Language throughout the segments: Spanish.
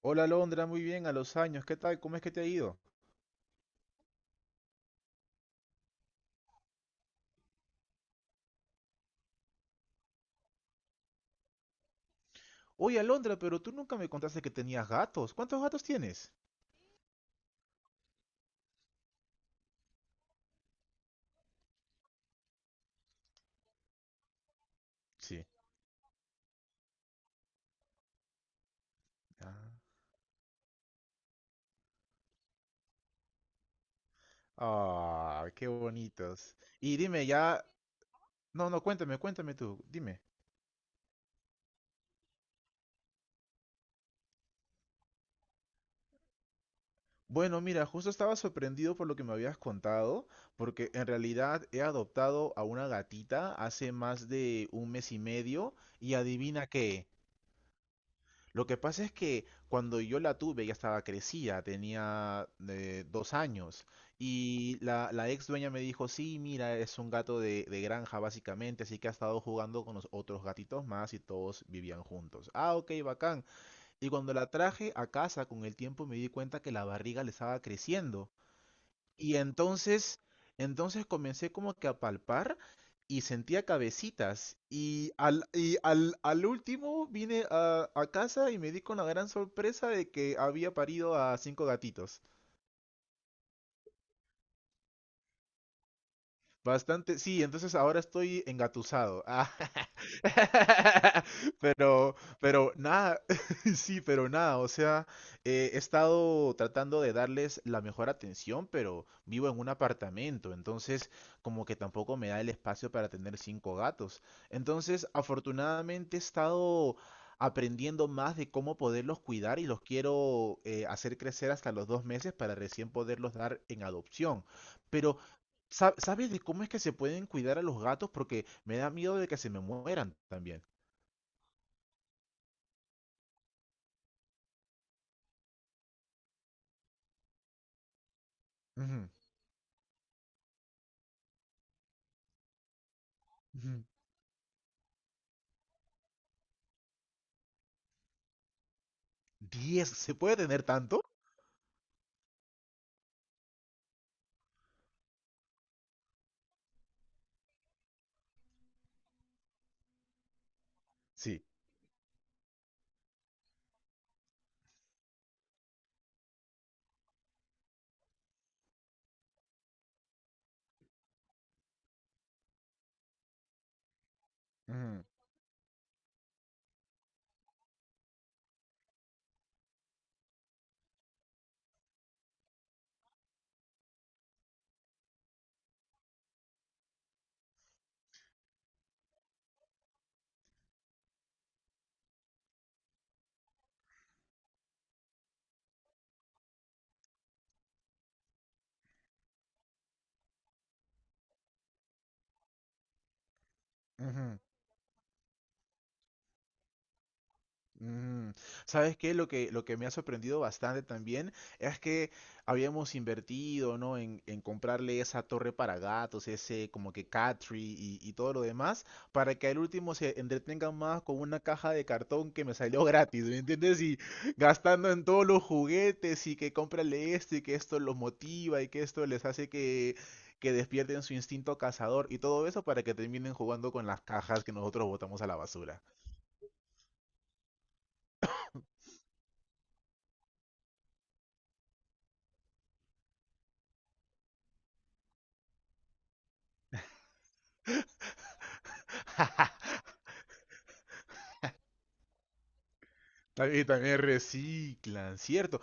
Hola Alondra, muy bien, a los años, ¿qué tal? ¿Cómo es que te ha ido? Oye Alondra, pero tú nunca me contaste que tenías gatos. ¿Cuántos gatos tienes? Sí. Ah. Ah, qué bonitos. Y dime ya, no, no, cuéntame, cuéntame tú, dime. Bueno, mira, justo estaba sorprendido por lo que me habías contado, porque en realidad he adoptado a una gatita hace más de un mes y medio y adivina qué. Lo que pasa es que cuando yo la tuve ya estaba crecida, tenía 2 años y la ex dueña me dijo, sí, mira, es un gato de granja básicamente, así que ha estado jugando con los otros gatitos más y todos vivían juntos. Ah, ok, bacán. Y cuando la traje a casa con el tiempo me di cuenta que la barriga le estaba creciendo. Y entonces, entonces comencé como que a palpar y sentía cabecitas. Al último vine a casa y me di con la gran sorpresa de que había parido a cinco gatitos. Bastante, sí, entonces ahora estoy engatusado. Ah. Pero, pero nada, sí, pero nada, o sea, he estado tratando de darles la mejor atención, pero vivo en un apartamento, entonces como que tampoco me da el espacio para tener cinco gatos. Entonces, afortunadamente he estado aprendiendo más de cómo poderlos cuidar y los quiero hacer crecer hasta los 2 meses para recién poderlos dar en adopción. Pero ¿sabes de cómo es que se pueden cuidar a los gatos? Porque me da miedo de que se me mueran también. Ujú, ujú, 10, ¿se puede tener tanto? Sí. Ujú, ujú. Mm, ¿Sabes qué? Lo que me ha sorprendido bastante también es que habíamos invertido, ¿no? En comprarle esa torre para gatos, ese como que cat tree y todo lo demás, para que al último se entretengan más con una caja de cartón que me salió gratis, ¿me entiendes? Y gastando en todos los juguetes y que cómprale esto y que esto los motiva y que esto les hace que despierten su instinto cazador y todo eso para que terminen jugando con las cajas que nosotros botamos a la basura. También, también reciclan, cierto.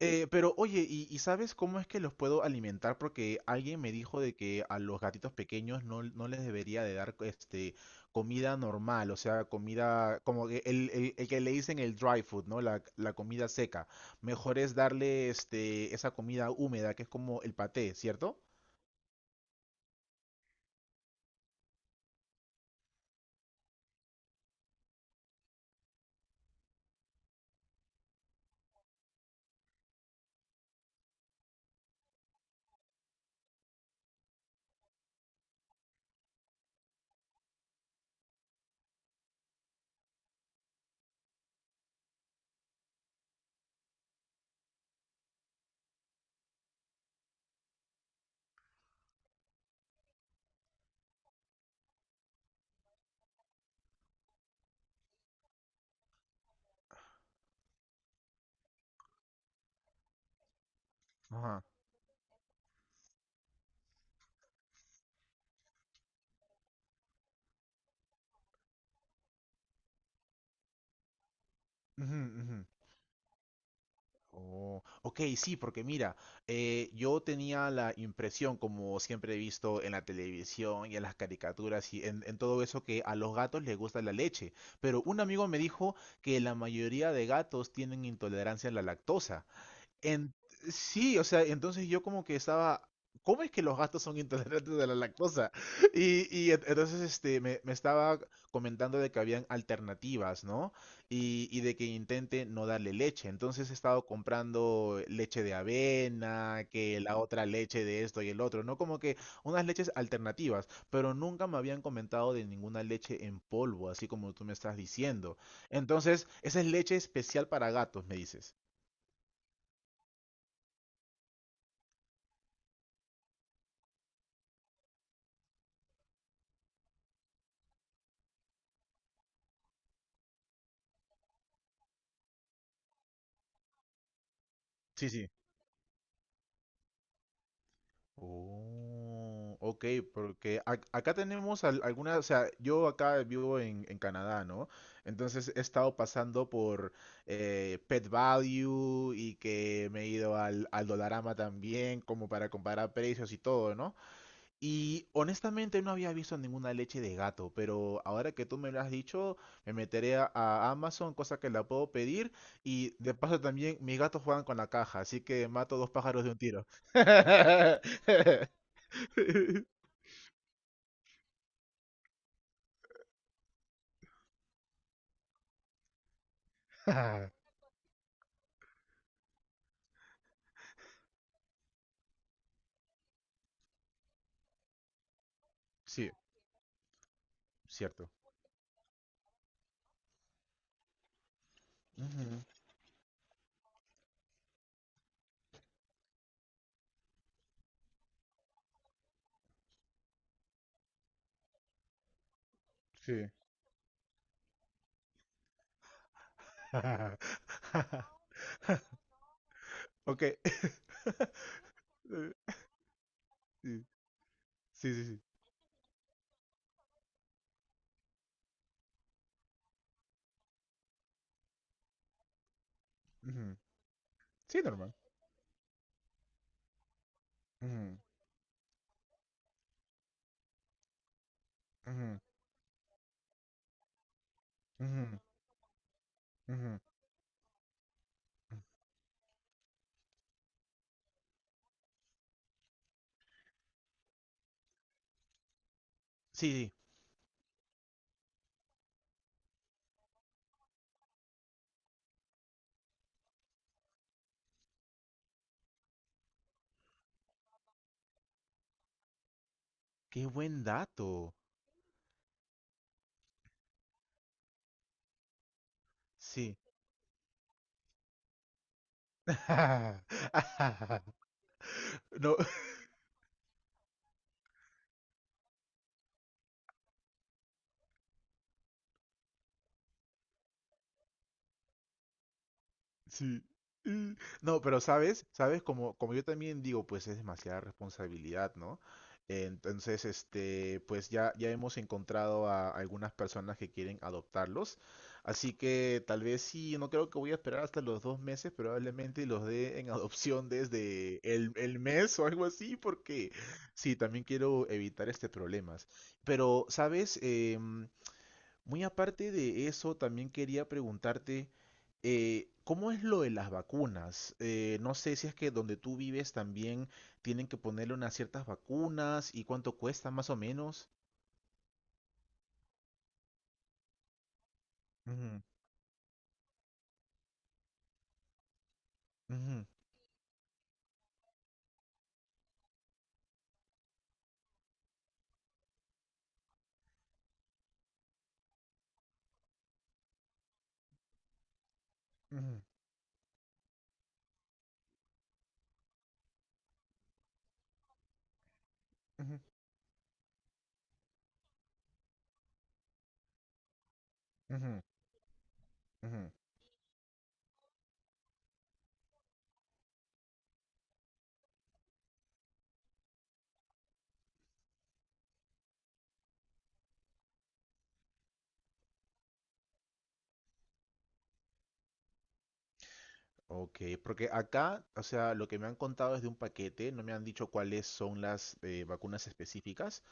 Pero oye, ¿y sabes cómo es que los puedo alimentar? Porque alguien me dijo de que a los gatitos pequeños no, no les debería de dar este comida normal, o sea, comida como que el que le dicen el dry food, ¿no? La comida seca. Mejor es darle este esa comida húmeda que es como el paté, ¿cierto? Ajá. Ujú, ujú. Oh, ok, sí, porque mira, yo tenía la impresión, como siempre he visto en la televisión y en las caricaturas y en todo eso, que a los gatos les gusta la leche. Pero un amigo me dijo que la mayoría de gatos tienen intolerancia a la lactosa. En, sí, o sea, entonces yo como que estaba, ¿cómo es que los gatos son intolerantes a la lactosa? Entonces este, me estaba comentando de que habían alternativas, ¿no? Y de que intente no darle leche. Entonces he estado comprando leche de avena, que la otra leche de esto y el otro, ¿no? Como que unas leches alternativas, pero nunca me habían comentado de ninguna leche en polvo, así como tú me estás diciendo. Entonces, esa es leche especial para gatos, me dices. Sí, sí. Oh, ok, porque acá tenemos algunas, o sea, yo acá vivo en Canadá, ¿no? Entonces he estado pasando por Pet Value y que me he ido al Dollarama también, como para comparar precios y todo, ¿no? Y honestamente no había visto ninguna leche de gato, pero ahora que tú me lo has dicho, me meteré a Amazon, cosa que la puedo pedir, y de paso también mis gatos juegan con la caja, así que mato dos pájaros de un tiro. Sí, cierto. Ujú. Sí. Ok. Sí, sí, sí. Sí. Ujú, sí, normal. Ujú, ujú, ujú, ujú. Sí, sí. Sí. Qué buen dato. Sí. No. Sí. Mm. No, pero sabes, sabes, como, como yo también digo, pues es demasiada responsabilidad, ¿no? Entonces, este, pues ya, ya hemos encontrado a algunas personas que quieren adoptarlos. Así que tal vez sí, no creo que voy a esperar hasta los 2 meses, probablemente los dé en adopción desde el mes o algo así, porque sí, también quiero evitar este problemas. Pero, ¿sabes? Muy aparte de eso, también quería preguntarte, ¿cómo es lo de las vacunas? No sé si es que donde tú vives también tienen que ponerle unas ciertas vacunas y cuánto cuesta más o menos. Ujú, ujú, ujú, ujú, ujú, ujú. Ok, porque acá, o sea, lo que me han contado es de un paquete, no me han dicho cuáles son las vacunas específicas,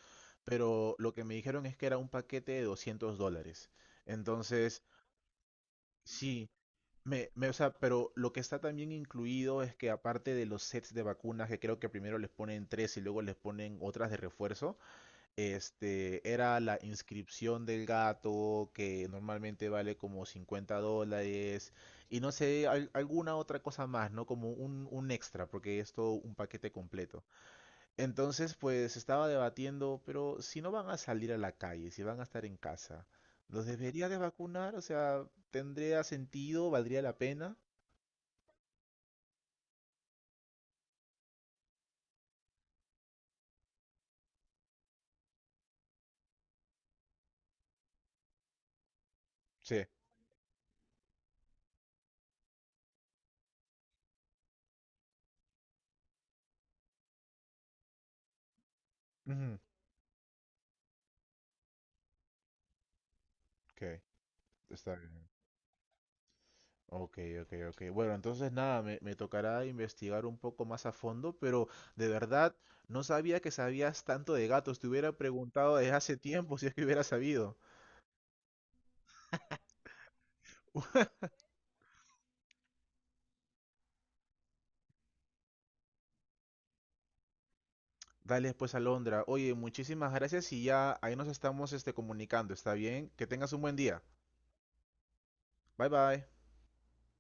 pero lo que me dijeron es que era un paquete de $200. Entonces, sí, o sea, pero lo que está también incluido es que aparte de los sets de vacunas, que creo que primero les ponen tres y luego les ponen otras de refuerzo, este, era la inscripción del gato, que normalmente vale como $50, y no sé, alguna otra cosa más, ¿no? Como un extra, porque es todo un paquete completo. Entonces, pues estaba debatiendo, pero si no van a salir a la calle, si van a estar en casa, ¿los debería de vacunar? O sea, ¿tendría sentido? ¿Valdría la pena? Sí. Ujú. Ok, está bien. Ok, ok, ok. Bueno, entonces nada, me tocará investigar un poco más a fondo, pero de verdad no sabía que sabías tanto de gatos. Te hubiera preguntado desde hace tiempo si es que hubiera sabido. Dale pues, Alondra. Oye, muchísimas gracias y ya ahí nos estamos este, comunicando. ¿Está bien? Que tengas un buen día. Bye bye.